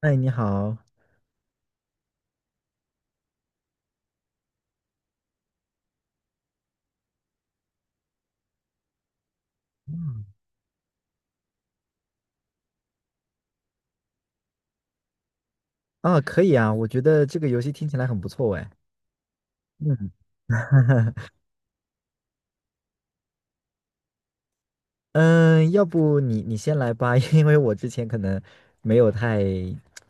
哎，你好。嗯，啊，可以啊，我觉得这个游戏听起来很不错哎。嗯嗯，要不你先来吧，因为我之前可能没有太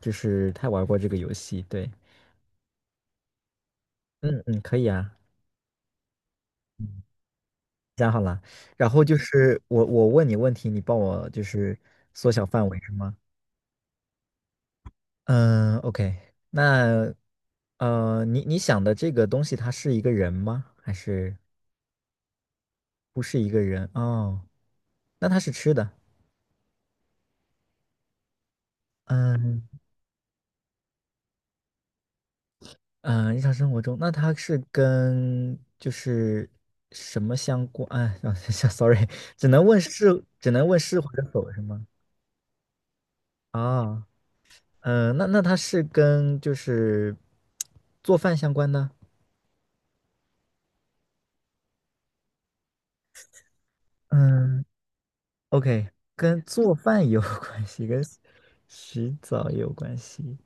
就是太玩过这个游戏。对，嗯嗯，可以啊，想好了。然后就是我问你问题，你帮我就是缩小范围是吗？嗯，OK。那你想的这个东西，它是一个人吗？不是一个人？哦，那它是吃的。嗯。嗯，日常生活中，那它是跟就是什么相关？哎，让 sorry，只能问是或者否是吗？啊，那它是跟就是做饭相关的？嗯，OK，跟做饭有 关系，跟洗澡也有关系。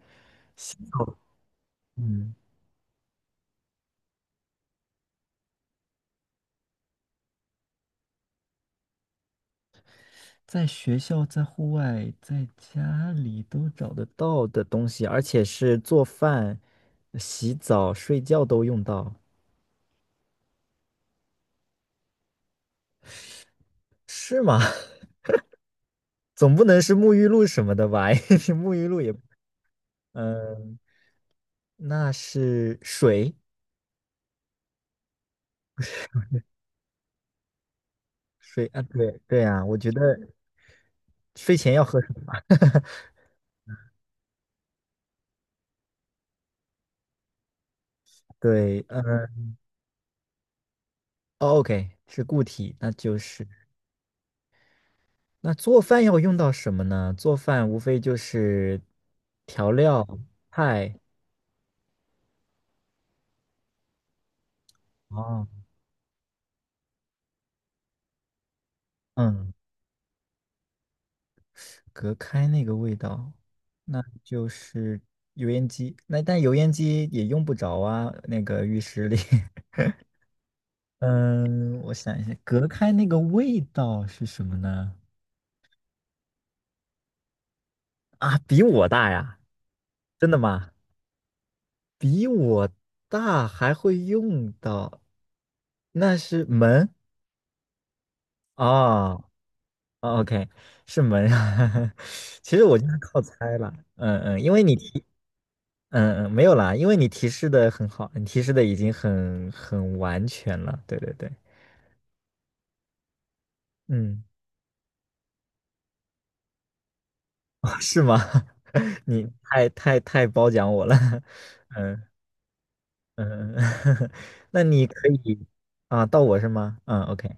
哦，嗯。在学校、在户外、在家里都找得到的东西，而且是做饭、洗澡、睡觉都用到，是吗？总不能是沐浴露什么的吧？因为沐浴露也，嗯，那是水，水啊，对对啊，我觉得睡前要喝水嘛。对，嗯，哦，OK，是固体，那就是。那做饭要用到什么呢？做饭无非就是调料、菜啊，嗯，隔开那个味道，那就是油烟机。那但油烟机也用不着啊，那个浴室里。嗯，我想一下，隔开那个味道是什么呢？啊，比我大呀？真的吗？比我大还会用到，那是门啊。哦哦，OK，是门。啊。其实我就是靠猜了，嗯嗯，因为你提，嗯嗯，没有啦，因为你提示的很好，你提示的已经很完全了，对对对，嗯，哦是吗？你太褒奖我了，嗯嗯，嗯 那你可以啊，到我是吗？嗯，OK，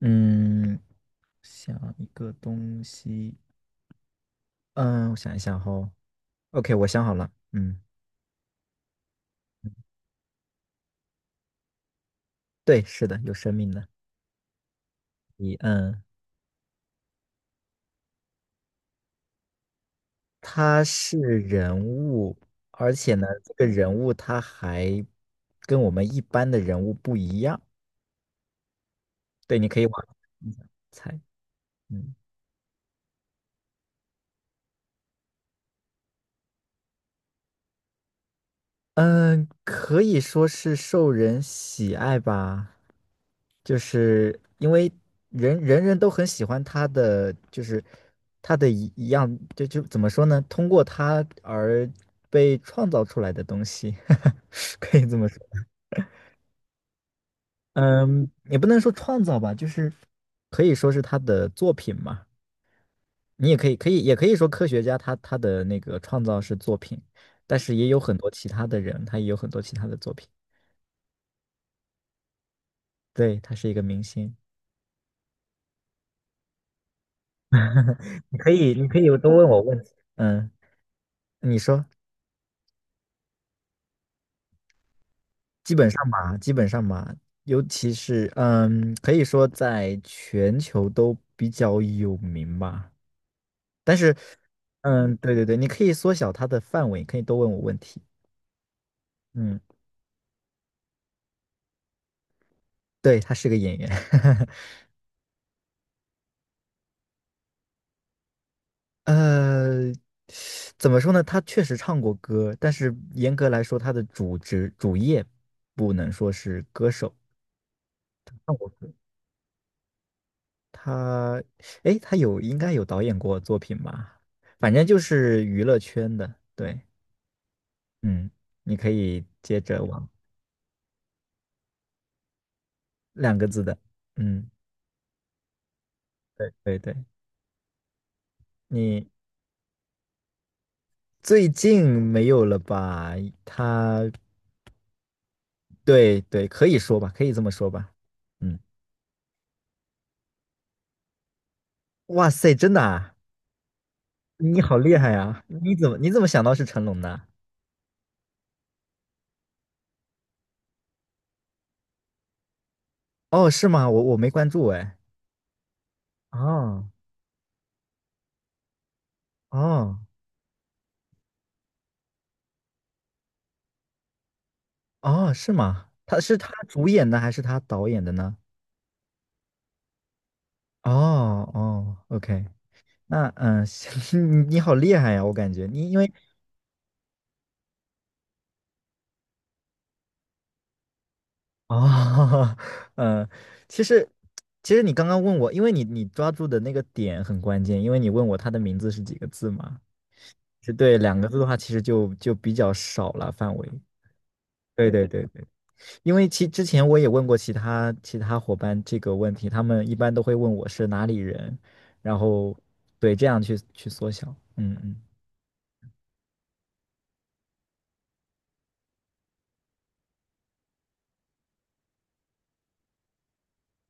嗯，想一个东西，嗯，我想一想哦，OK，我想好了，嗯，对，是的，有生命的，一，嗯。他是人物，而且呢，这个人物他还跟我们一般的人物不一样。对，你可以往猜，嗯嗯，可以说是受人喜爱吧，就是因为人人都很喜欢他的，就是他的一样，就怎么说呢？通过他而被创造出来的东西，可以这么说。嗯，也不能说创造吧，就是可以说是他的作品嘛。你也可以，也可以说科学家他的那个创造是作品，但是也有很多其他的人，他也有很多其他的作品。对，他是一个明星。你可以多问我问题。嗯，你说，基本上吧，基本上吧，尤其是，可以说在全球都比较有名吧。但是，嗯，对对对，你可以缩小它的范围，可以多问我问题。嗯。对，他是个演员，呃，怎么说呢？他确实唱过歌，但是严格来说，他的主职主业不能说是歌手。唱过歌，他，哎，他应该有导演过作品吧？反正就是娱乐圈的。对，嗯，你可以接着往两个字的，嗯，对对对，你最近没有了吧？他，对对，可以说吧，可以这么说吧，嗯。哇塞，真的啊！你好厉害呀！你怎么想到是成龙的啊？哦，是吗？我没关注哎。哦哦哦，是吗？他是他主演的还是他导演的呢？哦哦，OK，那嗯，你好厉害呀！我感觉你因为哦，嗯，其实其实你刚刚问我，因为你抓住的那个点很关键，因为你问我他的名字是几个字嘛？是对，两个字的话，其实就比较少了范围。对对对对。因为其之前我也问过其他伙伴这个问题，他们一般都会问我是哪里人，然后对这样去缩小。嗯嗯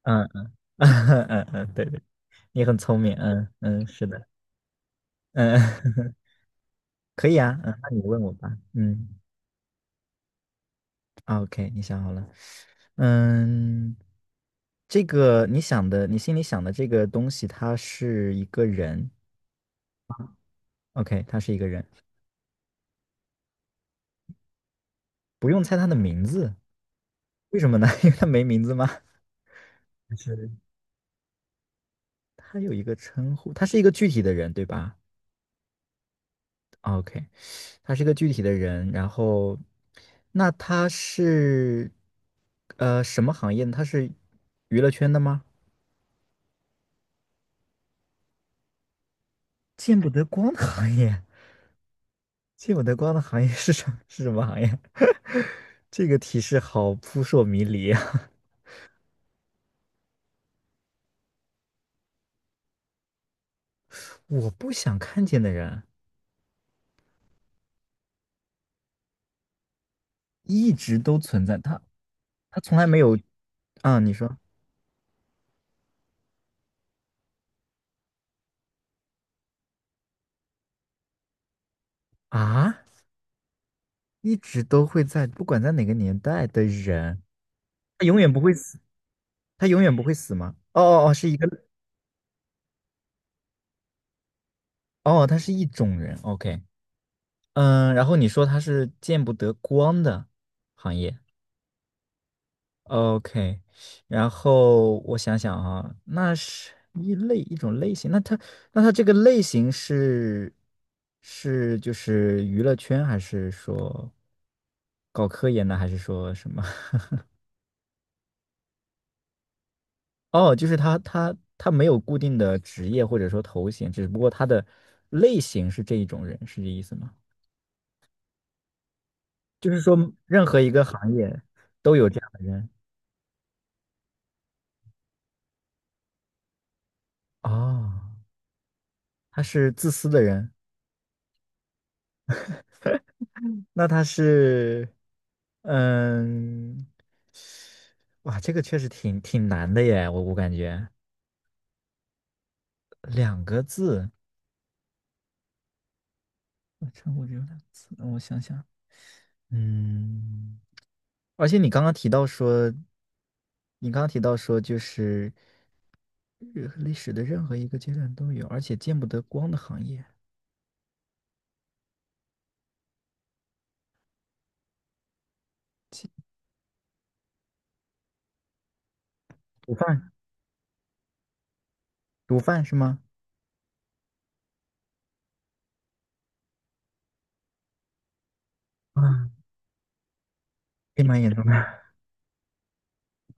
嗯嗯 嗯，嗯，对对，你很聪明。嗯嗯，是的。嗯，可以啊。嗯，那你问我吧。嗯 o k 你想好了。嗯，这个你想的，你心里想的这个东西，它是一个人。OK，他是一个人，不用猜他的名字，为什么呢？因为他没名字吗？他有一个称呼，他是一个具体的人，对吧？OK，他是一个具体的人，然后那他是什么行业呢他是娱乐圈的吗？见不得光的行业，见不得光的行业是什么行业？这个提示好扑朔迷离啊！我不想看见的人一直都存在，他从来没有啊，你说啊，一直都会在，不管在哪个年代的人，他永远不会死。他永远不会死吗？哦哦哦，是一个哦，他是一种人。OK，嗯，然后你说他是见不得光的行业。OK，然后我想想啊，那是一种类型，那他这个类型是就是娱乐圈，还是说搞科研的，还是说什么？哦，就是他没有固定的职业或者说头衔，只不过他的类型是这一种人，是这意思吗？就是说任何一个行业都有这样的人哦，他是自私的人，那他是，嗯，哇，这个确实挺难的耶，我感觉两个字，我称呼只有两个字，我想想，嗯，而且你刚刚提到说，就是任历史的任何一个阶段都有，而且见不得光的行业，毒贩，毒贩是吗？啊，黑马演唱吧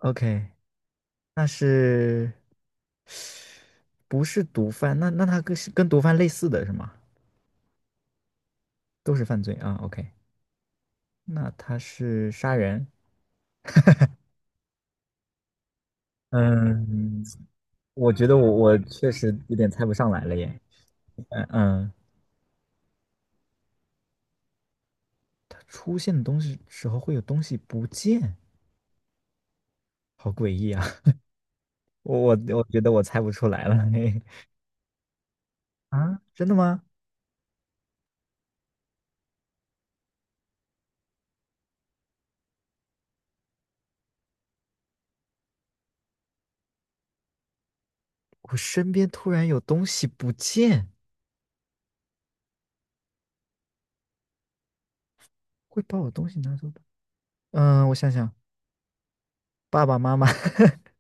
OK，那是不是毒贩？那他是跟毒贩类似的是吗？都是犯罪啊。OK，那他是杀人？嗯，我觉得我确实有点猜不上来了耶。嗯嗯，他出现的时候会有东西不见，好诡异啊！我觉得我猜不出来了。嘿啊，真的吗？我身边突然有东西不见，会把我东西拿走的。嗯，我想想，爸爸妈妈。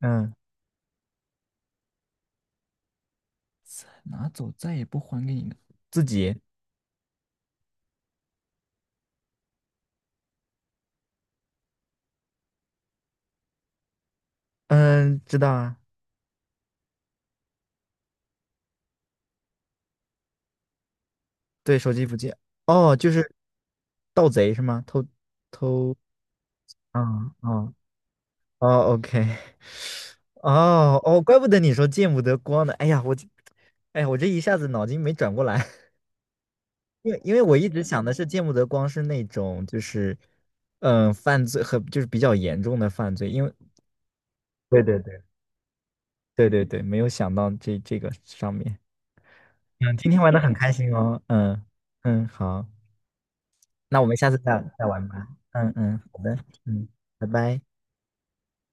嗯。拿走再也不还给你了。自己，嗯，知道啊，对，手机不见，哦，就是盗贼是吗？偷，啊啊哦，OK，哦哦，怪不得你说见不得光呢，哎呀，我这一下子脑筋没转过来，因为我一直想的是见不得光是那种就是，嗯，犯罪和就是比较严重的犯罪，因为对对对对对对，没有想到这个上面。嗯，今天玩的很开心哦。嗯嗯，好，那我们下次再玩吧。嗯嗯，好的，嗯，拜拜。